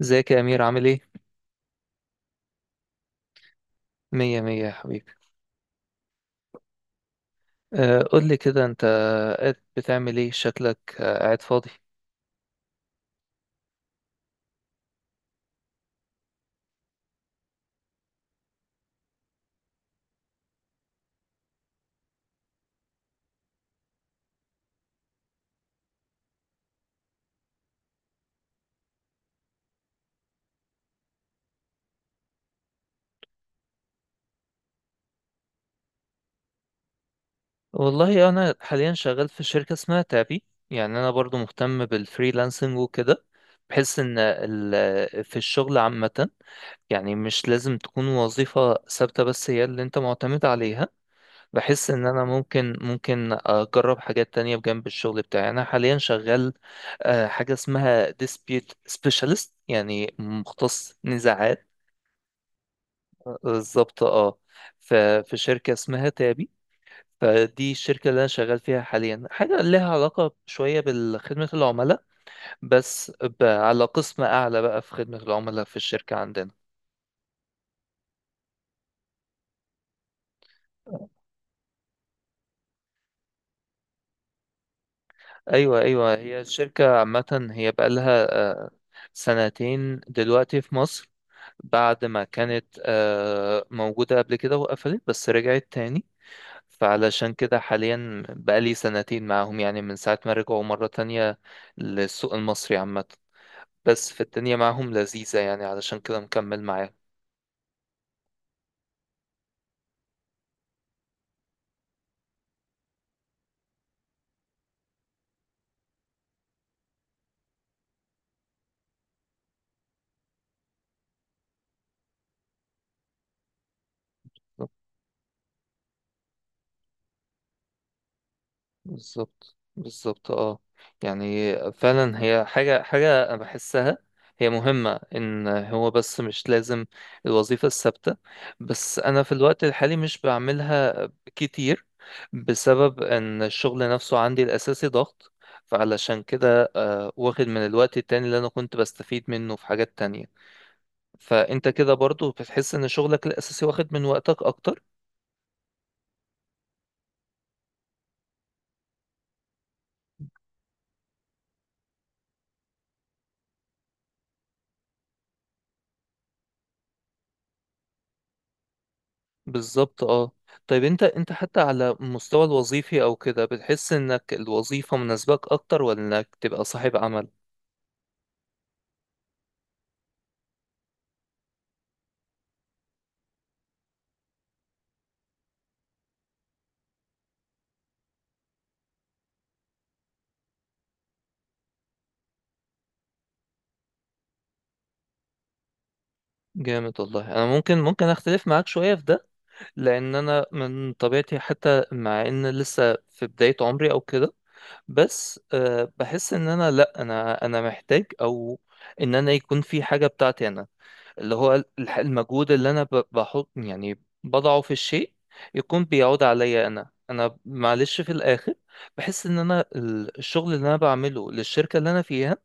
ازيك يا أمير؟ عامل ايه؟ مية مية يا حبيبي. قول لي كده، انت قاعد بتعمل ايه؟ شكلك قاعد فاضي. والله انا حاليا شغال في شركة اسمها تابي. يعني انا برضو مهتم بالفريلانسنج وكده. بحس ان في الشغل عامة، يعني مش لازم تكون وظيفة ثابتة بس هي اللي انت معتمد عليها. بحس ان انا ممكن اجرب حاجات تانية بجنب الشغل بتاعي. انا حاليا شغال حاجة اسمها dispute specialist، يعني مختص نزاعات. بالظبط اه. ف- في شركة اسمها تابي. فدي الشركة اللي أنا شغال فيها حاليا، حاجة لها علاقة شوية بخدمة العملاء بس، على قسم أعلى بقى في خدمة العملاء في الشركة عندنا. أيوة أيوة، هي الشركة عامة هي بقالها سنتين دلوقتي في مصر، بعد ما كانت موجودة قبل كده وقفلت بس رجعت تاني. فعلشان كده حاليا بقالي سنتين معاهم، يعني من ساعة ما رجعوا مرة تانية للسوق المصري عامة. بس في الدنيا معاهم لذيذة، يعني علشان كده مكمل معاهم. بالظبط بالظبط اه. يعني فعلا هي حاجة أنا بحسها هي مهمة، إن هو بس مش لازم الوظيفة الثابتة. بس أنا في الوقت الحالي مش بعملها كتير، بسبب إن الشغل نفسه عندي الأساسي ضغط. فعلشان كده واخد من الوقت التاني اللي أنا كنت بستفيد منه في حاجات تانية. فأنت كده برضو بتحس إن شغلك الأساسي واخد من وقتك أكتر؟ بالظبط اه. طيب انت حتى على المستوى الوظيفي او كده، بتحس انك الوظيفة مناسباك اكتر ولا انك تبقى صاحب عمل؟ جامد. والله انا ممكن اختلف معاك شوية في ده، لان انا من طبيعتي، حتى مع ان لسه في بداية عمري او كده، بس أه بحس ان انا لا انا انا محتاج، او ان انا يكون في حاجة بتاعتي انا، اللي هو المجهود اللي انا بحط يعني بضعه في الشيء يكون بيعود عليا انا. انا في الاخر بحس ان انا الشغل اللي انا بعمله للشركة اللي انا فيها،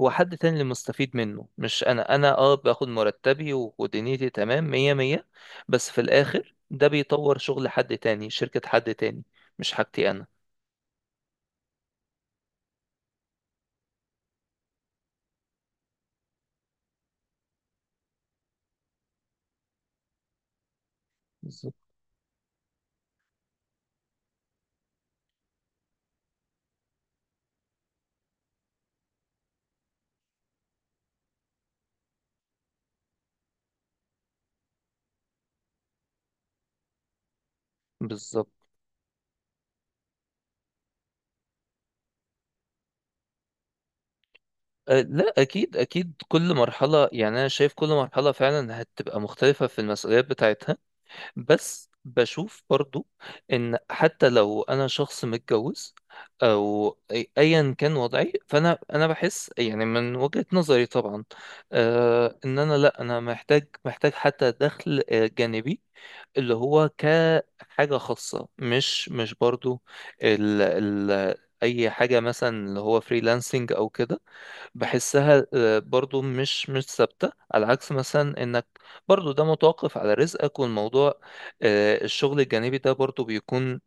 هو حد تاني اللي مستفيد منه مش انا. انا اه باخد مرتبي ودنيتي تمام مية مية، بس في الاخر ده بيطور شغل حد تاني، شركة حد تاني، مش حاجتي انا. بالظبط بالظبط. أه لا اكيد اكيد، كل مرحله يعني، انا شايف كل مرحله فعلا هتبقى مختلفه في المسؤوليات بتاعتها. بس بشوف برضو ان حتى لو انا شخص متجوز او ايا كان وضعي، فانا بحس يعني من وجهة نظري طبعا، آه، ان انا لا انا محتاج حتى دخل جانبي، اللي هو كحاجة خاصة. مش مش برضو ال ال اي حاجة مثلا اللي هو فريلانسنج او كده، بحسها برضو مش مش ثابتة. على عكس مثلا انك برضو ده متوقف على رزقك. والموضوع الشغل الجانبي ده برضو بيكون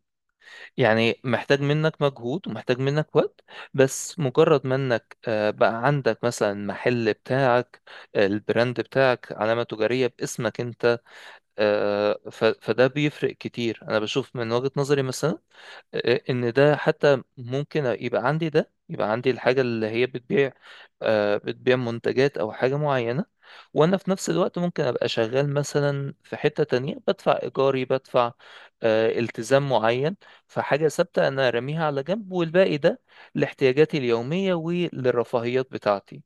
يعني محتاج منك مجهود ومحتاج منك وقت. بس مجرد ما انك بقى عندك مثلا محل بتاعك، البراند بتاعك، علامة تجارية باسمك انت، فده بيفرق كتير، انا بشوف من وجهة نظري مثلا. ان ده حتى ممكن يبقى عندي الحاجة اللي هي بتبيع، بتبيع منتجات او حاجة معينة، وانا في نفس الوقت ممكن ابقى شغال مثلا في حتة تانية بدفع ايجاري، بدفع التزام معين. فحاجة ثابتة انا راميها على جنب، والباقي ده لاحتياجاتي اليومية وللرفاهيات بتاعتي.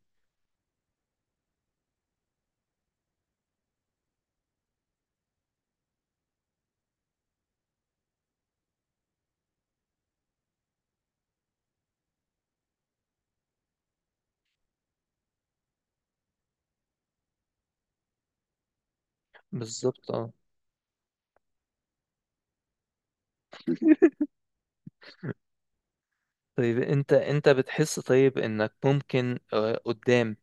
بالظبط اه. طيب انت بتحس طيب انك ممكن قدام،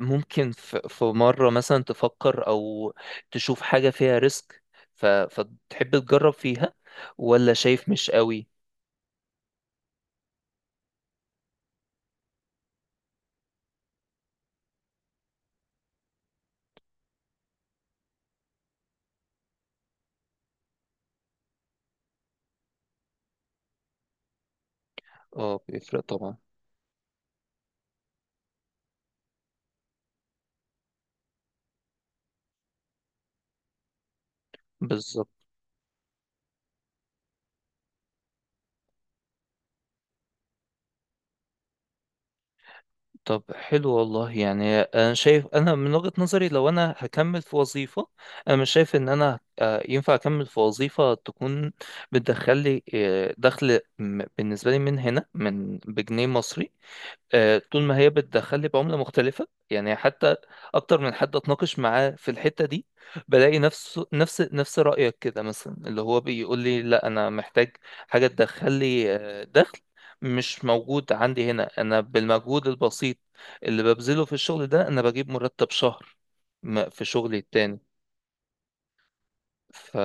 ممكن في مرة مثلا تفكر أو تشوف حاجة فيها ريسك فتحب تجرب فيها، ولا شايف مش قوي؟ اه بيفرق طبعا. بالظبط. طب حلو. والله يعني أنا شايف، أنا من وجهة نظري لو أنا هكمل في وظيفة، أنا مش شايف إن أنا ينفع أكمل في وظيفة تكون بتدخل لي دخل بالنسبة لي من هنا من بجنيه مصري. طول ما هي بتدخل لي بعملة مختلفة يعني، حتى أكتر من حد أتناقش معاه في الحتة دي بلاقي نفس نفس رأيك كده مثلا، اللي هو بيقول لي لا أنا محتاج حاجة تدخل لي دخل مش موجود عندي هنا. أنا بالمجهود البسيط اللي ببذله في الشغل ده أنا بجيب مرتب شهر في شغلي التاني. ف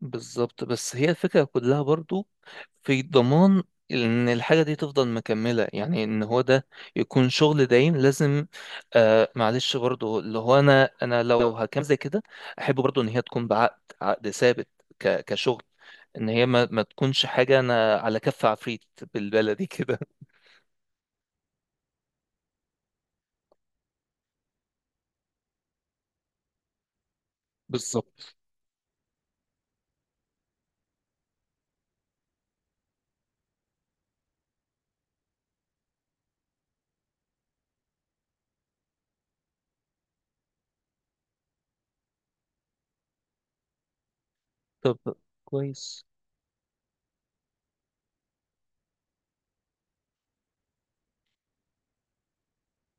بالظبط. بس هي الفكرة كلها برضو في ضمان ان الحاجة دي تفضل مكملة، يعني ان هو ده يكون شغل دايم لازم. آه معلش، برضو اللي هو انا لو هكمل زي كده احب برضو ان هي تكون بعقد، عقد ثابت، كشغل، ان هي ما تكونش حاجة انا على كف عفريت بالبلدي كده. بالظبط. طب كويس.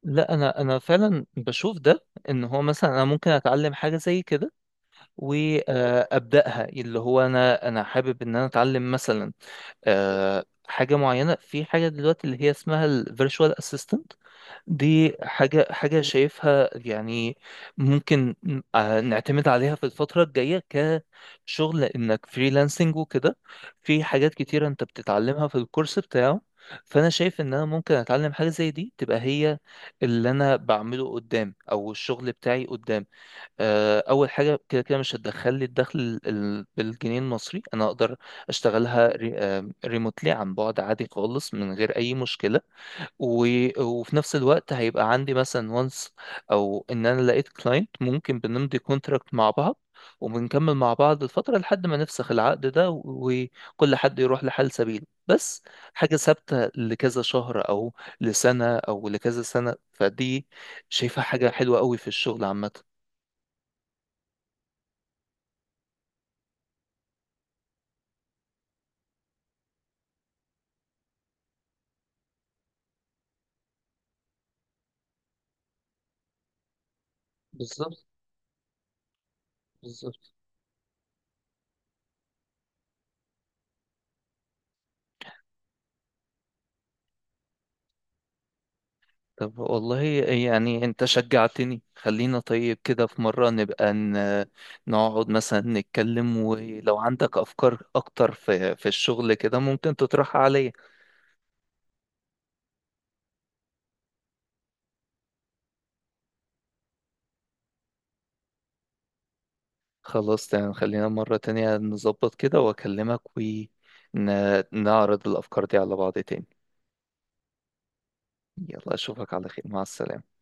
لا انا فعلا بشوف ده، ان هو مثلا انا ممكن اتعلم حاجة زي كده وابداها. اللي هو انا حابب ان انا اتعلم مثلا حاجه معينه في حاجه دلوقتي اللي هي اسمها الفيرتشوال اسيستنت. دي حاجه شايفها يعني ممكن نعتمد عليها في الفتره الجايه كشغل، انك فريلانسنج وكده. في حاجات كتيره انت بتتعلمها في الكورس بتاعه. فانا شايف ان انا ممكن اتعلم حاجه زي دي تبقى هي اللي انا بعمله قدام، او الشغل بتاعي قدام. اول حاجه كده كده مش هتدخل لي الدخل بالجنيه المصري، انا اقدر اشتغلها ريموتلي، عن بعد، عادي خالص من غير اي مشكله. وفي نفس الوقت هيبقى عندي مثلا وانس، او ان انا لقيت كلاينت ممكن بنمضي كونتراكت مع بعض وبنكمل مع بعض الفتره لحد ما نفسخ العقد ده وكل حد يروح لحال سبيله. بس حاجه ثابته لكذا شهر او لسنه او لكذا سنه، فدي شايفها حاجه حلوه قوي في الشغل عامه. بالظبط بالظبط. طب والله يعني انت شجعتني. خلينا طيب كده في مرة نبقى نقعد مثلا نتكلم، ولو عندك أفكار أكتر في الشغل كده ممكن تطرحها عليا. خلاص تمام، خلينا مرة تانية نظبط كده وأكلمك ونعرض الأفكار دي على بعض تاني. يلا أشوفك على خير، مع السلامة.